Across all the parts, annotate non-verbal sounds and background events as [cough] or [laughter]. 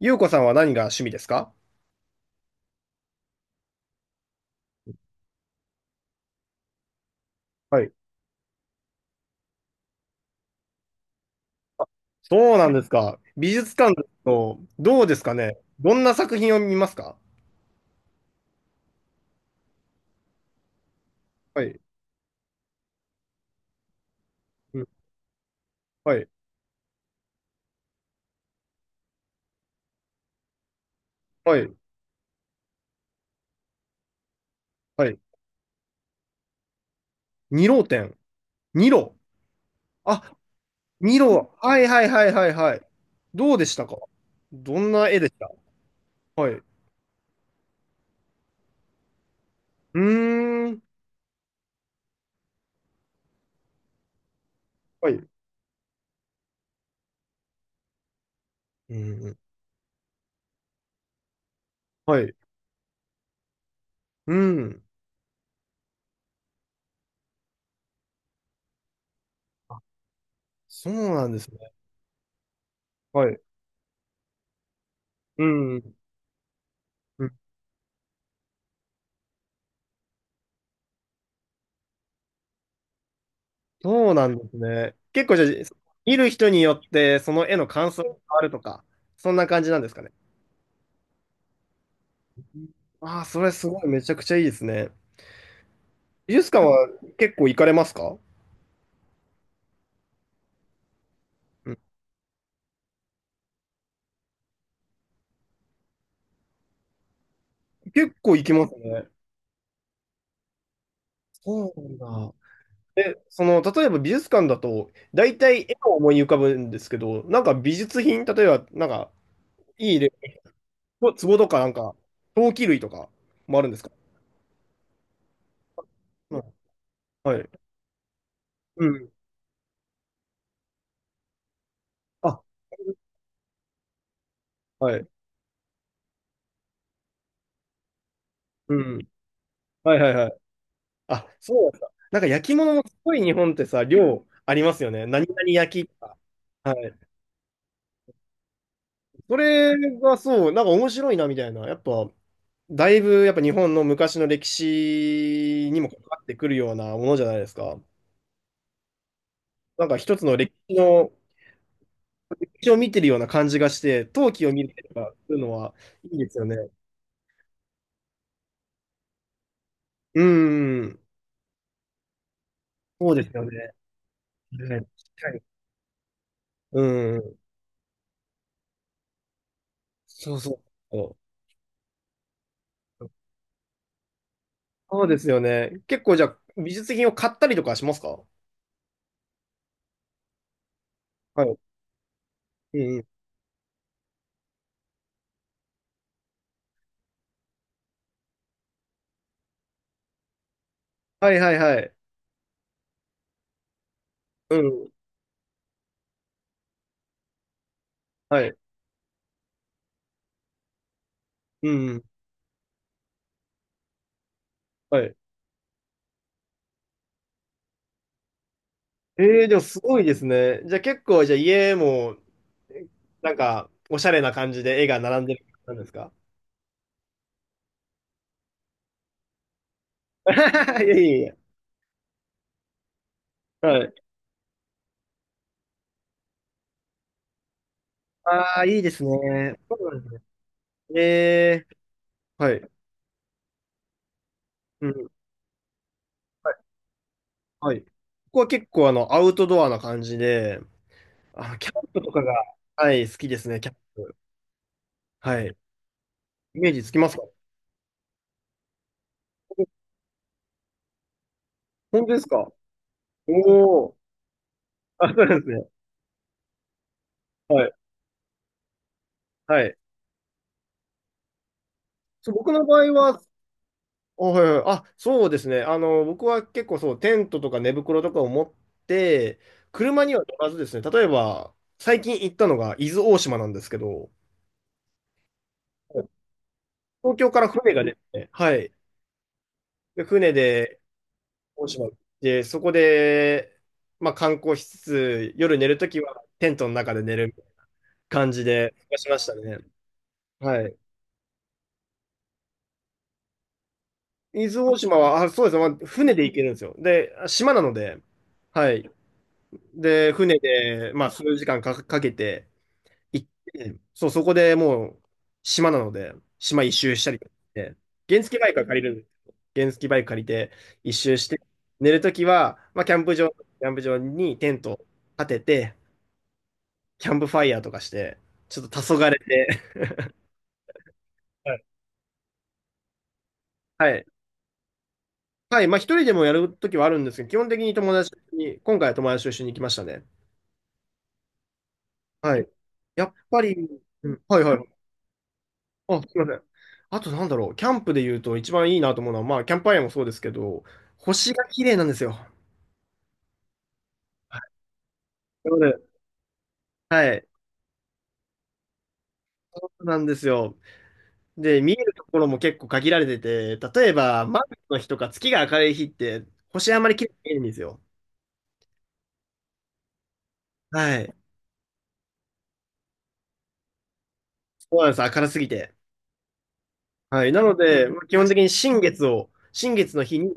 ゆうこさんは何が趣味ですか？はい。そうなんですか。美術館だと、どうですかね。どんな作品を見ますか？はい。うん。はい。はい。はい。二郎展。二郎。あ、二郎。はいはいはいはいはい。どうでしたか？どんな絵でした？はい。うーん。はい。うん。はい。うん。あ、そうなんですね。はい。うん。うん。そうなんですね。結構じゃあ、見る人によってその絵の感想が変わるとか、そんな感じなんですかね。ああ、それすごいめちゃくちゃいいですね。美術館は結構行かれますか？うん、結構行きますね。そうなんだ。で、その、例えば美術館だと、大体絵を思い浮かぶんですけど、なんか美術品、例えば、なんか、いい例、壺とか、なんか、陶器類とかもあるんですか？うん、はい。うん。あ、はい。うん。はいはいはい。あ、そうだった。なんか焼き物もすごい日本ってさ、量ありますよね。何々焼きとか。はい。それがそう、なんか面白いなみたいな。やっぱ、だいぶやっぱ日本の昔の歴史にも関わってくるようなものじゃないですか。なんか一つの歴史の、歴史を見てるような感じがして、陶器を見るとか、そういうのはいいですよね。うん。そうですよね。はい。確かに。うん。そうそう。そうですよね。結構じゃあ、美術品を買ったりとかしますか？はい。うん。はいはいはい。うん。はい。うん。はい。ええ、でもすごいですね。じゃあ結構、じゃあ家も、なんか、おしゃれな感じで絵が並んでる感じなんですか？ [laughs] いやいやいや。はい。ああ、いいですね。そうなんですね。ええ。はい。うん。はい。はい。ここは結構あの、アウトドアな感じで、あ、キャンプとかが、はい、好きですね、キャンプ。はい。イメージつきますか？本当ですか？おおー。あ、そうなんですね。はい。はい。そう、僕の場合は、あ、はいはい、あ、そうですね。あの、僕は結構そう、テントとか寝袋とかを持って、車には乗らずですね、例えば、最近行ったのが伊豆大島なんですけど、東京から船が出て、はい。で、船で大島行って、そこで、まあ観光しつつ、夜寝るときはテントの中で寝る感じでしましたね。はい。伊豆大島は、あ、そうですね。まあ船で行けるんですよ。で、島なので、はい。で、船で、まあ、数時間か、かけて行って、そう、そこでもう、島なので、島一周したりとかして、原付バイクは借りるんですけど、原付バイク借りて一周して、寝るときは、まあ、キャンプ場、キャンプ場にテントを立てて、キャンプファイヤーとかして、ちょっと黄昏て、[laughs] はいはい。はい。まあ、一人でもやるときはあるんですけど、基本的に友達と一緒に、今回は友達と一緒に行きましたね。はい。やっぱり、うん、はいはい。あ、すいません。あとなんだろう、キャンプで言うと一番いいなと思うのは、まあ、キャンプファイアもそうですけど、星が綺麗なんですよ。はい、なので、はい。そうなんですよ。で、見えるところも結構限られてて、例えば、満月の日とか月が明るい日って、星あんまり綺麗に見えないんですよ。はい。そうなんです。明るすぎて。はい。なので、まあ基本的に新月を、新月の日に、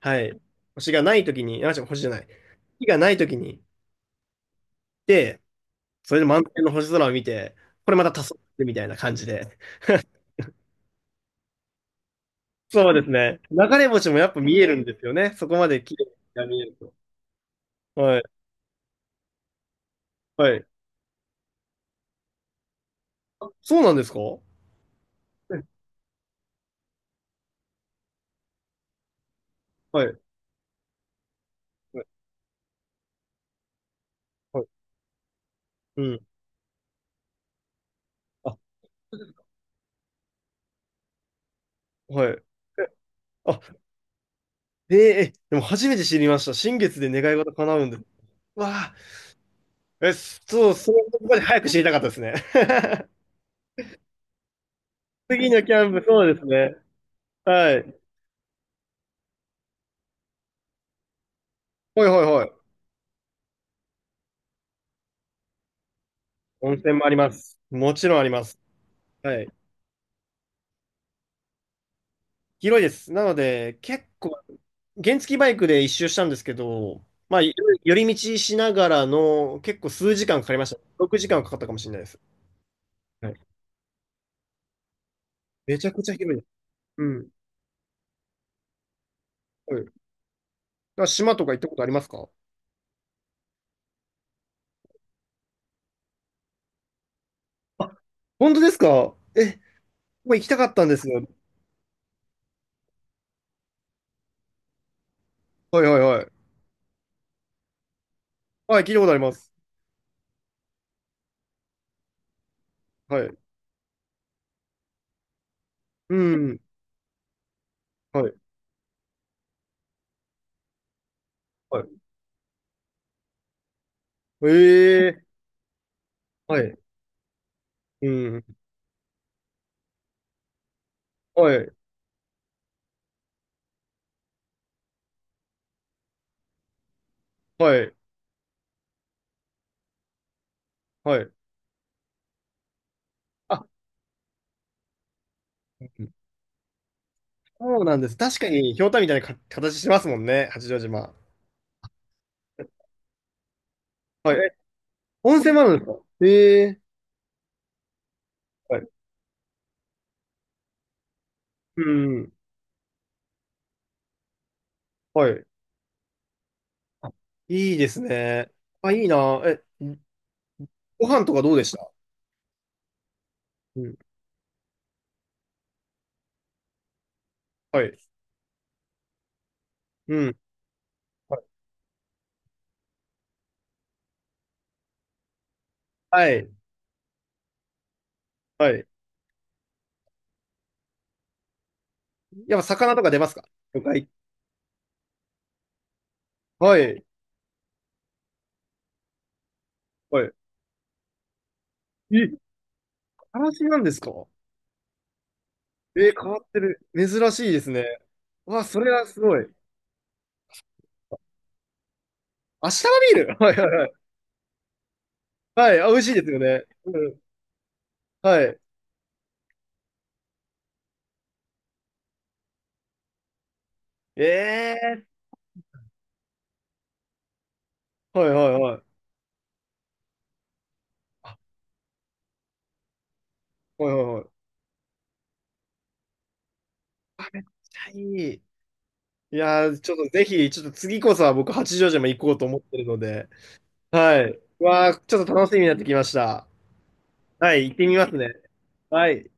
はい。星がない時に、あ、違う、星じゃない。月がない時に、で、それで満天の星空を見て、これまた黄昏みたいな感じで。[laughs] そうですね。流れ星もやっぱ見えるんですよね。そこまで綺麗に見えると。はい。はい。そうなんですか？はい。はい。はい。うん。あ、はい。えあ、えーえ、でも初めて知りました。新月で願い事叶うんです。わあ、え、そう、そういうとこまで早く知りたかったですね。[laughs] 次のキャンプ、そうですね。はい。はいはいはい。温泉もあります。もちろんあります。はい。広いです。なので、結構原付バイクで一周したんですけど、まあ、寄り道しながらの結構数時間かかりました。6時間かんはかかったかもしれないです。はい。めちゃくちゃ広いです。うん。はい。だから島とか行ったことありますか？あ、本当ですか？え、ここ行きたかったんですよ。はいはいはい。はい、聞いたことあります。はい。うん。はい。はい。ええ。はい。うん。はい。はい。はい。あ、そうなんです。確かに、ひょうたんみたいなか形してますもんね。八丈島。はい。え、温泉もあるんですか？ええ。はい。うん。はい。あ、いいですね。あ、いいな。え、ご飯とかどうでした？うん。はい。うん。はい。はい。やっぱ魚とか出ますか？魚介。はい。はい。え、からしなんですか？えー、変わってる。珍しいですね。わ、それはすごい。明日のビール。 [laughs] はいはいはい。はい、あ、美味しいですよね。うん。はい。ええー、はいはいはい。あ、はいはいはい。あ、めっちゃいい。いやー、ちょっとぜひ、ちょっと次こそは僕、八丈島行こうと思ってるので、はい。わー、ちょっと楽しみになってきました。はい、行ってみますね。はい。